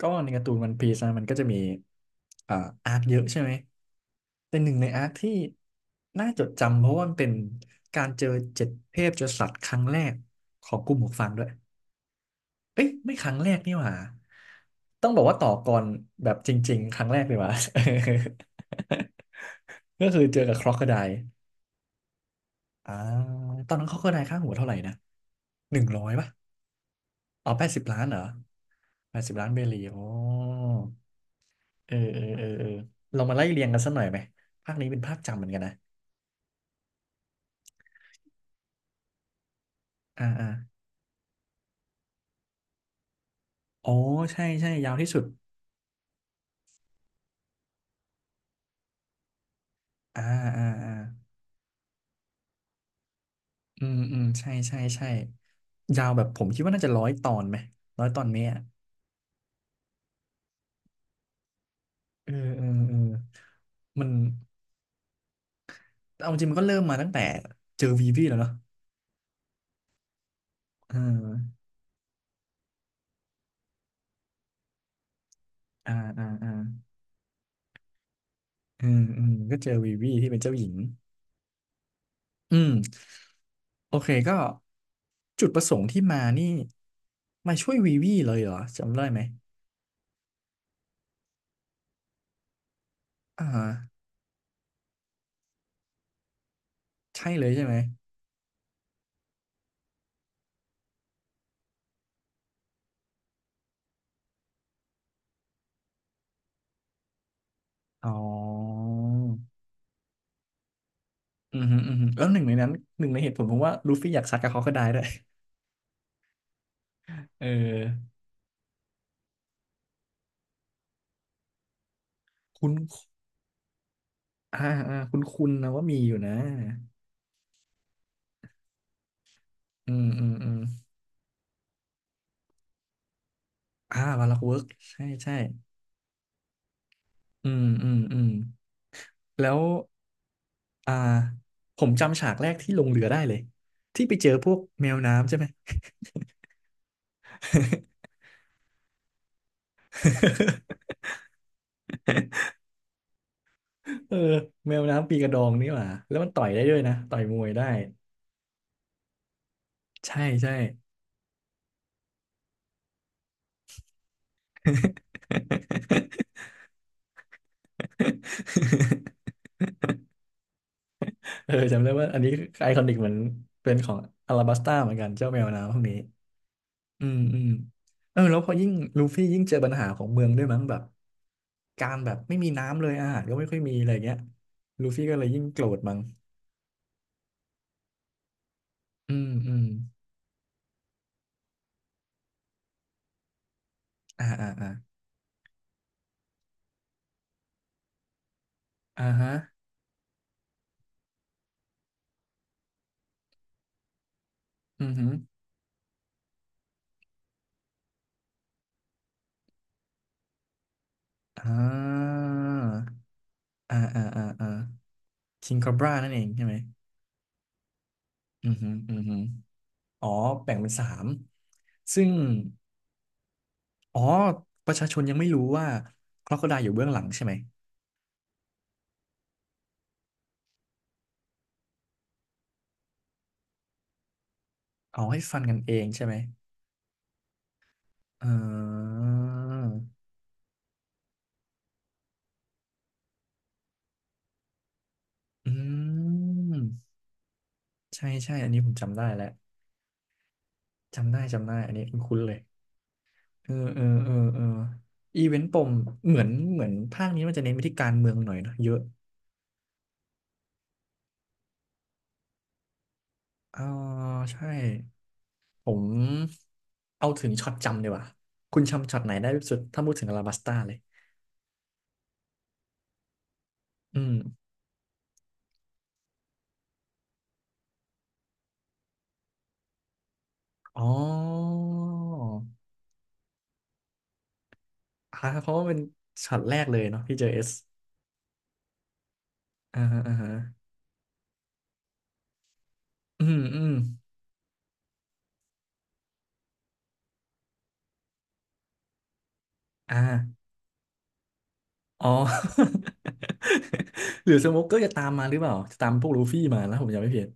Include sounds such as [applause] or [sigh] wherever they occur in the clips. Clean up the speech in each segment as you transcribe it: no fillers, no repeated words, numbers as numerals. ก็ในการ์ตูนวันพีซนะมันก็จะมีอ่าอาร์คเยอะใช่ไหมแป็นหนึ่งในอาร์คที่น่าจดจำเพราะว่ามันเป็นการเจอ7เทพจสัตว์ครั้งแรกของกลุ่มหมวกฟางด้วยเอ้ยไม่ครั้งแรกนี่หว่าต้องบอกว่าต่อก่อนแบบจริงๆครั้งแรกเลยว่ะ [laughs] ก็คือเจอกับคร o อกโคได e อ่าตอนนั้นคร o อกโคได e ค่าหัวเท่าไหร่นะ100ป่ะเอาแปดสิบล้านเหรอแปดสิบล้านเบลีโอ้ เออเออเออเออเรามาไล่เรียงกันสักหน่อยไหมภาคนี้เป็นภาคจำเหมือนกันนะอ่าอ่าอ๋อใช่ใช่ยาวที่สุดอ่าอ่าอ่าอืมอืมใช่ใช่ใช่ยาวแบบผมคิดว่าน่าจะร้อยตอนไหมร้อยตอนไหมอ่ะเออเออเออมันเอาจริงมันก็เริ่มมาตั้งแต่เจอวีวีแล้วเนาะเอออ่าอ่าอ่าอืมอืมก็เจอวีวีที่เป็นเจ้าหญิงอืมโอเคก็จุดประสงค์ที่มานี่มาช่วยวีวีเลยเหรอจำได้ไหมอ่า ใช่เลยใช่ไหมอ๋ออือฮึอือฮึแล้วหนึ่งในนั้นหนึ่งในเหตุผลผมว่าลูฟี่อยากซัดกับเขาก็ได้ด้วย [laughs] เออคุณอ่าคุณคุณนะว่ามีอยู่นะ อืมอืมอืมอ่าวาลักเวิร์กใช่ใช่อืมอืมอืมแล้ว อ่า ผมจำฉากแรกที่ลงเรือได้เลยที่ไปเจอพวกแมวน้ำใช่ไหม [laughs] เออแมวน้ำปีกระดองนี่หว่าแล้วมันต่อยได้ด้วยนะต่อยมวยได้ใช่ใช่ [laughs] เออจำได้ว่าอันนี้ไอคอนิกเหมือนเป็นของอลาบัสต้าเหมือนกันเจ้าแมวน้ำพวกนี้อืมอืมเออแล้วพอยิ่งลูฟี่ยิ่งเจอปัญหาของเมืองด้วยมั้งแบบการแบบไม่มีน้ำเลยอาหารก็ไม่ค่อยมีอะไรเงี้ยลูฟี่ก็เลยยิ่งโกรธมั้งอืมอืมอ่าอ่าอ่าอ่าฮะอือฮืออ่าอ่าอ่าอ่าอ่าคิงคอบรานั่นเองใช่ไหมอือฮือือฮืออ๋อแบ่งเป็นสามซึ่ง อ๋อประชาชนยังไม่รู้ว่าค o อ o ได l e อยู่เบื้องหลังใช่ไหมเอาให้ฟันกันเองใช่ไหมเอออืมใช่ใช่อันนี้ผมจำได้แล้วจำได้จำได้อันนี้คุ้นๆเลยเออเออเออเอออีเวนต์ปมเหมือนภาคนี้มันจะเน้นไปที่การเมืองหน่อยเนอะเยอะอ๋อใช่ผมเอาถึงช็อตจำดีกว่าคุณจำช็อตไหนได้ที่สุดถ้าพูดถึงอลาบัสตาเลยอืมอ๋อ อ่าเพราะว่าเป็นช็อตแรกเลยเนาะที่เจอเอสอ่าฮะอ่าฮะอืมอืมอ่าอ๋อ [laughs] หรือสโมกเกอร์จะตามมาหรือเปล่าจะตามพวกลูฟี่มาแล้วผมจำไม่ผิด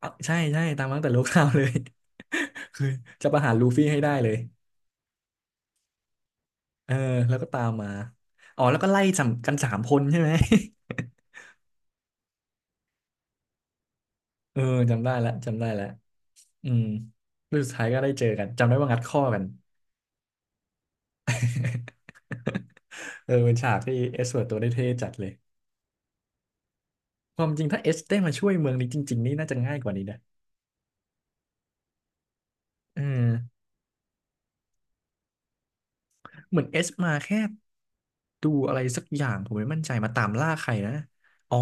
อ่ะใช่ใช่ตามมาตั้งแต่โลก [laughs] ข่าวเลย [laughs] คือจะประหารลูฟี่ให้ได้เลยเออแล้วก็ตามมาอ๋อแล้วก็ไล่จับกันสามคนใช่ไหม [laughs] เออจำได้แล้วจำได้แล้วอืมแล้วสุดท้ายก็ได้เจอกันจำได้ว่างัดข้อกัน [laughs] เออเป็นฉากที่เอสเวิร์ดตัวได้เท่จัดเลย ความจริงถ้าเอสได้มาช่วยเมืองนี้จริงๆนี่น่าจะง่ายกว่านี้นะเออเหมือนเอสมาแค่ดูอะไรสักอย่างผมไม่มั่นใจมาตามล่าใครนะ อ๋อ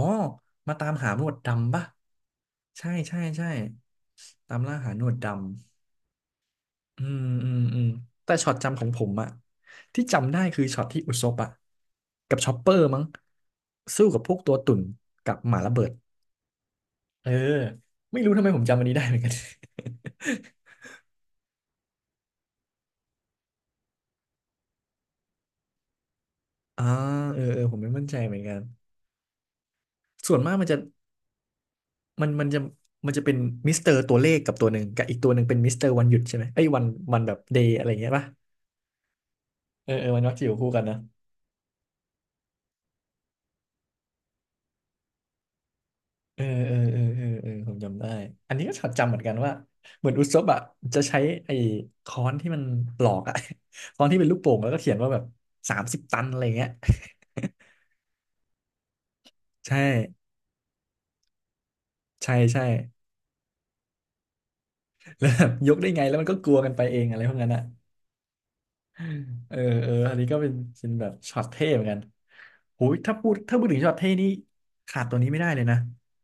มาตามหาหนวดดำปะใช่ใช่ใช่ตามล่าหาหนวดดำ อืมอืมอืมแต่ช็อตจำของผมอะที่จำได้คือช็อตที่อุซบอะกับชอปเปอร์มั้งสู้กับพวกตัวตุ่นกับหมาระเบิดเออ ไม่รู้ทำไมผมจำอันนี้ได้เหมือนกัน [laughs] อ่าเออเออผมไม่มั่นใจเหมือนกันส่วนมากมันจะ มันมันจะมันจะเป็นมิสเตอร์ตัวเลขกับตัวหนึ่งกับอีกตัวหนึ่งเป็นมิสเตอร์วันหยุดใช่ไหมไอ้ยวันวันแบบเดย์อะไรอย่างเงี้ยป่ะเออเออมันมักจะอยู่คู่กันนะเออเออเออเออเออผมจำได้อันนี้ก็จดจำเหมือนกันว่าเหมือนอุซบอะจะใช้ไอ้ค้อนที่มันปลอกอะ [laughs] ค้อนที่เป็นลูกโป่งแล้วก็เขียนว่าแบบ30ตันอะไรเงี้ยใช่ใช่ใช่แล้วแบบยกได้ไงแล้วมันก็กลัวกันไปเองอะไรพวกนั้นอะ เออเอออันนี้ก็เป็นแบบช็อตเท่เหมือนกันโหยถ้าพูดถึงช็อตเท่นี่ขาดตัวนี้ไม่ได้เลยนะ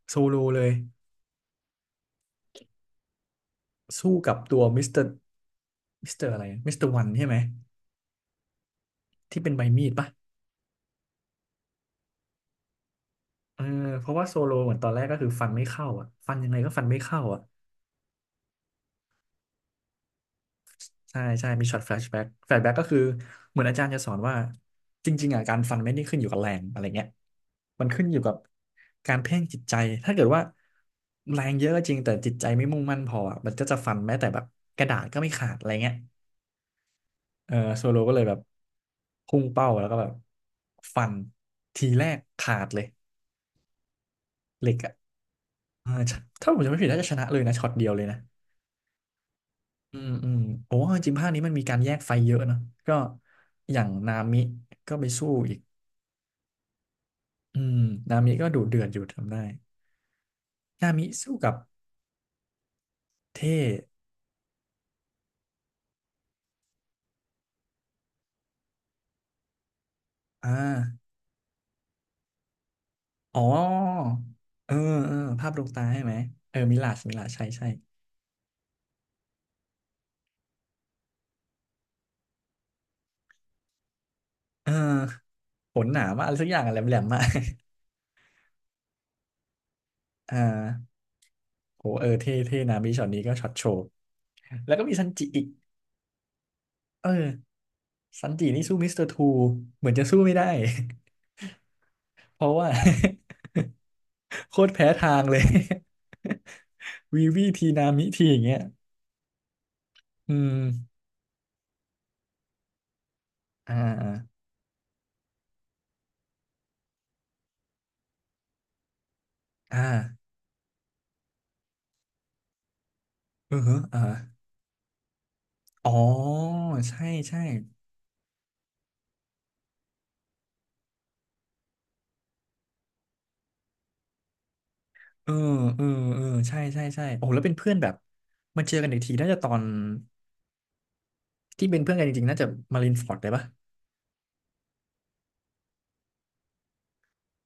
โซโลเลยสู้กับตัวมิสเตอร์อะไรมิสเตอร์วันใช่ไหมที่เป็นใบมีดปะเออเพราะว่าโซโลเหมือนตอนแรกก็คือฟันไม่เข้าอ่ะฟันยังไงก็ฟันไม่เข้าอ่ะ ใช่ใช่ มีช็อตแฟลชแบ็กแฟลชแบ็กก็คือเหมือนอาจารย์จะสอนว่าจริงๆอ่ะการฟันไม่ได้ขึ้นอยู่กับแรงอะไรเงี้ยมันขึ้นอยู่กับการเพ่งจิตใจถ้าเกิดว่าแรงเยอะก็จริงแต่จิตใจไม่มุ่งมั่นพออ่ะมันก็จะฟันแม้แต่แบบกระดาษก็ไม่ขาดอะไรเงี้ยเออโซโลก็เลยแบบพุ่งเป้าแล้วก็แบบฟันทีแรกขาดเลยเหล็กอ่ะเออถ้าผมจำไม่ผิดน่าจะชนะเลยนะช็อตเดียวเลยนะ อืมอืมโอ้จริงๆภาคนี้มันมีการแยกไฟเยอะเนอะก็อย่างนามิก็ไปสู้อีกอืมนามิก็ดุเดือดอยู่ทำได้นามิสู้กับเท่อ่าอ๋อเออเออภาพดวงตาใช่ไหมเออมิลาชมิลาชใช่ใช่เออขนหนามากอะไรสักอย่างอะแหลมแหลมมาก [laughs] อ่าโหเออเท่เท่นามิช็อตนี้ก็ช็อตโชว์แล้วก็มีซันจิอีกเออซันจินี่สู้มิสเตอร์ทูเหมือนจะสู้ไม่ได้ [laughs] เพราะว่า โคตรแพ้ทางเลย [laughs] วีวีทีนามิทีอย่างเงี้ยอืมอ่าอ่าเออเอออ๋อใช่ใช่เออเออเออใช่ใช่ใช่โอ้แล้วเป็นเพื่อนแบบมันเจอกันอีกทีน่าจะตอนที่เป็นเพื่อนกันจริงๆน่าจะมารินฟอร์ดเลยปะ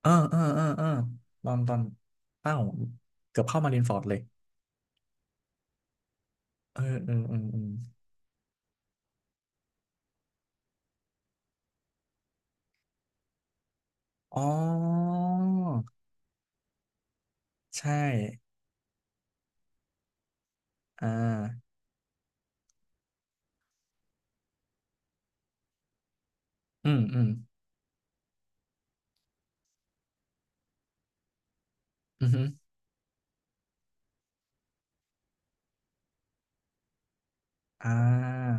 เออเออเออเออตอนตอนเอ้าเกือบเข้ามารินฟอร์ดเลยเออเออเออเอออ๋อใช่อ่าอืมอืมอือฮึอ่า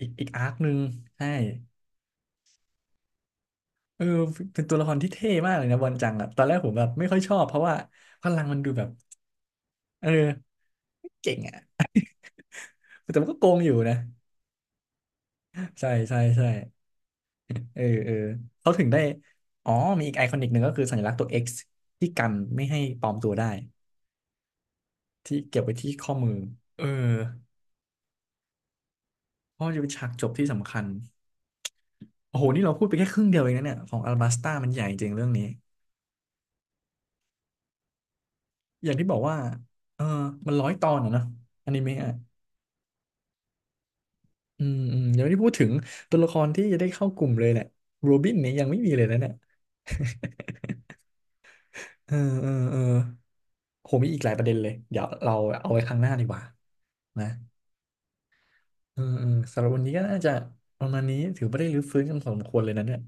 อีกอีกอาร์คหนึ่งใช่เออเป็นตัวละครที่เท่มากเลยนะบอนจังอะตอนแรกผมแบบไม่ค่อยชอบเพราะว่าพลังมันดูแบบเออไม่เก่งอะแต่มันก็โกงอยู่นะใช่ใช่ใช่เออเออเขาถึงได้อ๋อมีอีกไอคอนิกหนึ่งก็คือสัญลักษณ์ตัว X ที่กันไม่ให้ปลอมตัวได้ที่เก็บไว้ที่ข้อมือเออเพราะมันจะเป็นฉากจบที่สำคัญโอ้โหนี่เราพูดไปแค่ครึ่งเดียวเองนะเนี่ยของอัลบาสตามันใหญ่จริงเรื่องนี้อย่างที่บอกว่าเออมันร้อยตอนอะเนอะอนิเมะอะ อืมอืมเดี๋ยวนี้พูดถึงตัวละครที่จะได้เข้ากลุ่มเลยเนี่ยโรบินเนี่ยยังไม่มีเลยนะเนี่ยเออเออเออโหมีอีกหลายประเด็นเลยเดี๋ยวเราเอาไว้ครั้งหน้าดีกว่านะเออเออสำหรับวันนี้ก็น่าจะประมาณนี้ถือว่าได้รื้อฟื้นกันพอสมควรเลยนะเนี่ย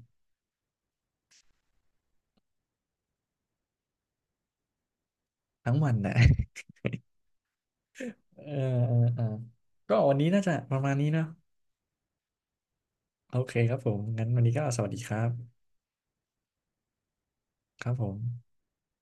ทั้งวันนะ [laughs] เออเออเออก็วันนี้น่าจะประมาณนี้เนาะโอเคครับผมงั้นวันนี้ก็สวัสดีครับครับผม